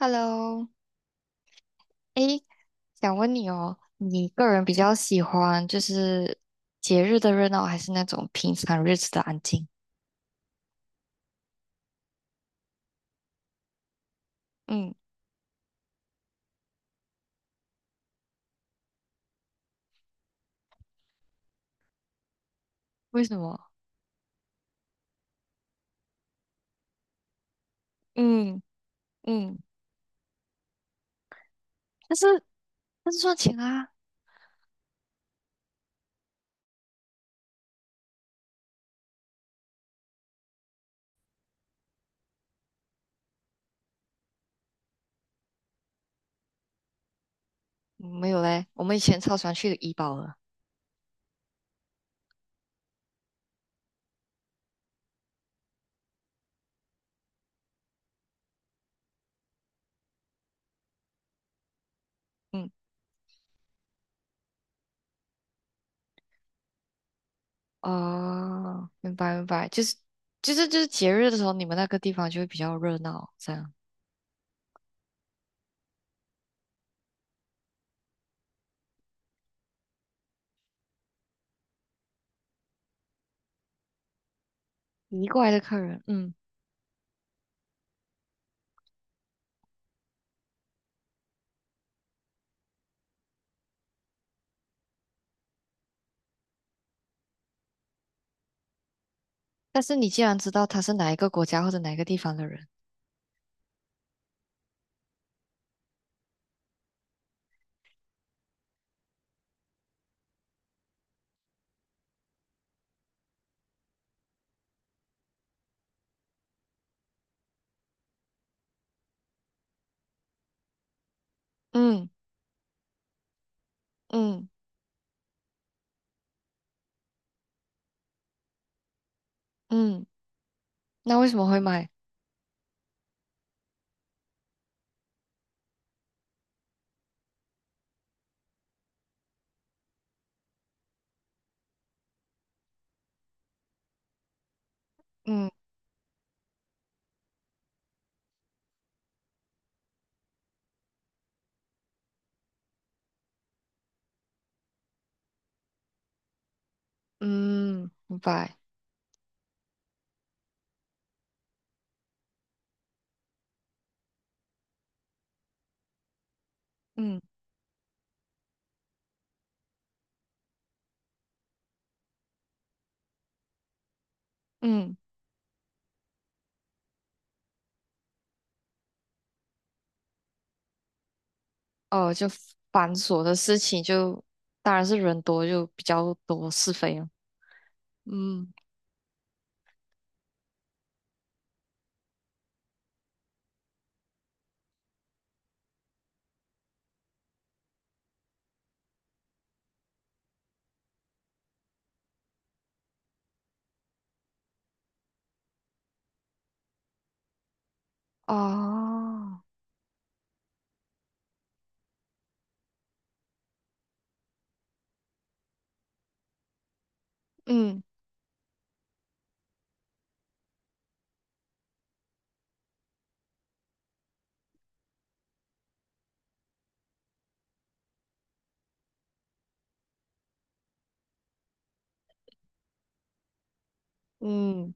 Hello，诶，想问你哦，你个人比较喜欢节日的热闹，还是那种平常日子的安静？嗯，为什么？嗯嗯，但是赚钱啊，嗯没有嘞，我们以前超喜欢去怡保的。嗯，哦，明白明白，就是节日的时候，你们那个地方就会比较热闹，这样移过来的客人，嗯，但是你既然知道他是哪一个国家或者哪一个地方的人，嗯嗯嗯，那为什么会买？嗯。嗯，明白。嗯嗯，哦，就繁琐的事情就，当然是人多就比较多是非了。嗯，哦，嗯，嗯，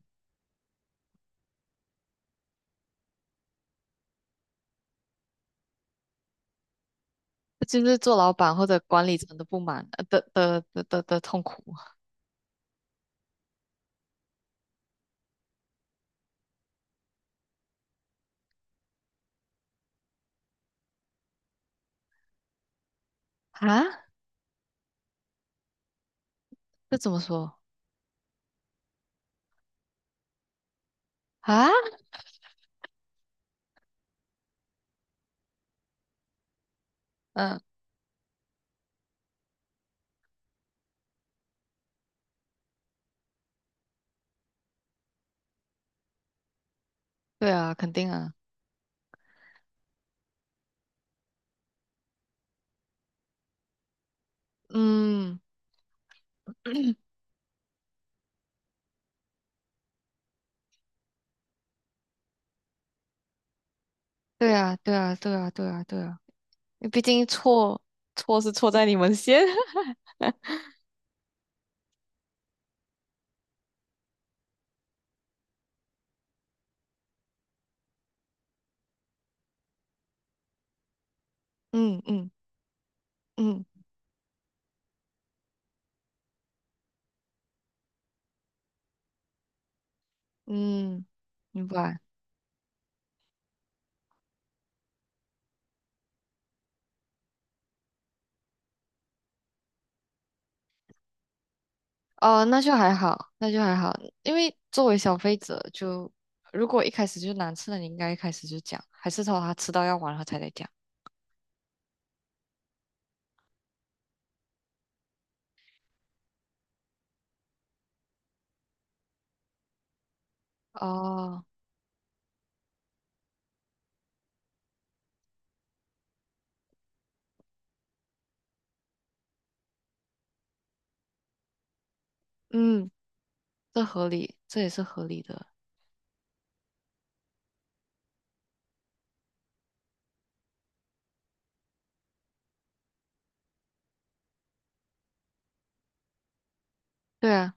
这就是做老板或者管理层的不满的痛苦啊？这怎么说啊？嗯，对啊，肯定啊。嗯，对啊，对啊，对啊，对啊，对啊，因为毕竟错是错在你们先。嗯嗯嗯嗯，明白。哦，那就还好，那就还好，因为作为消费者就，如果一开始就难吃了，你应该一开始就讲，还是说他吃到要完了才来讲？哦，嗯，这合理，这也是合理的，对啊，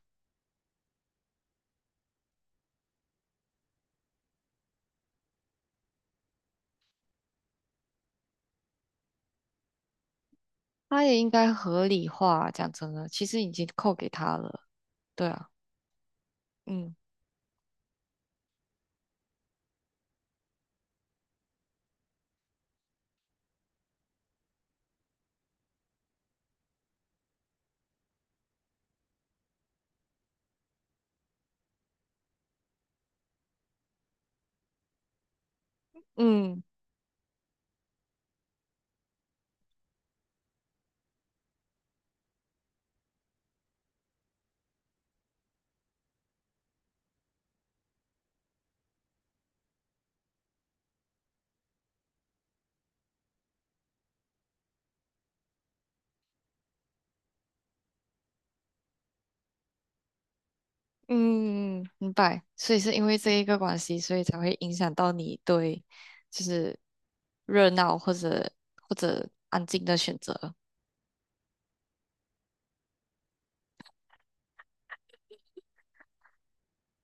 他也应该合理化，讲真的，其实已经扣给他了，对啊，嗯嗯嗯，明白，所以是因为这一个关系，所以才会影响到你对就是热闹或者安静的选择，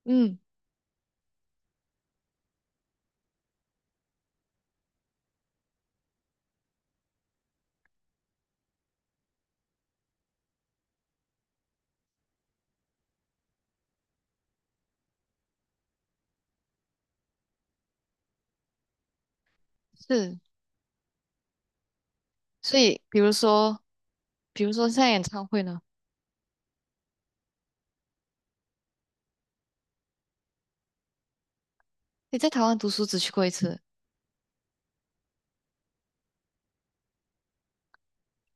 嗯，是。所以，比如说，比如说像演唱会呢，你在台湾读书只去过一次，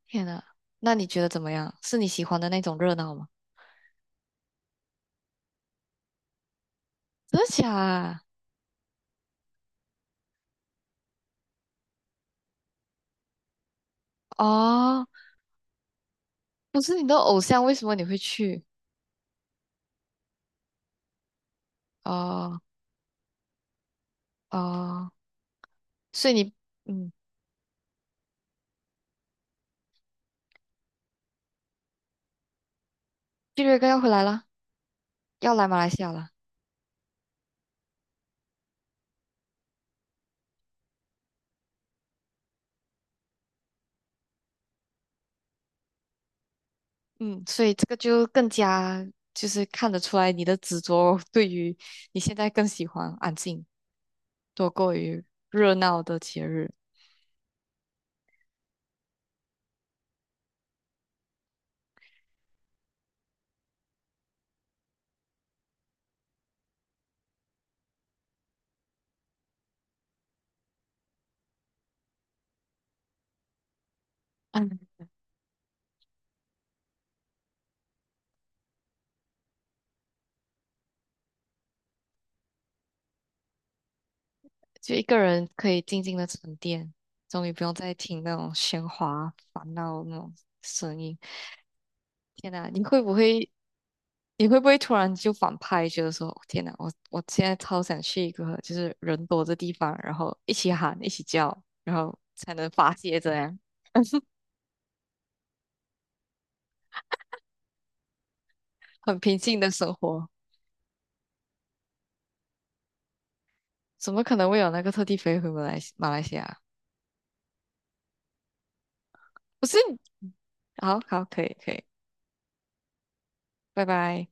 天呐，那你觉得怎么样？是你喜欢的那种热闹吗？真的假啊？哦，不是你的偶像，为什么你会去？哦哦，所以你，嗯，毕瑞哥要回来了，要来马来西亚了，嗯，所以这个就更加看得出来你的执着，对于你现在更喜欢安静多过于热闹的节日。嗯。就一个人可以静静的沉淀，终于不用再听那种喧哗、烦闹那种声音。天呐，你会不会，你会不会突然就反派，觉得说，哦天呐，我现在超想去一个就是人多的地方，然后一起喊、一起叫，然后才能发泄这样很平静的生活。怎么可能会有那个特地飞回马来西亚？不是，好好，可以可以，拜拜。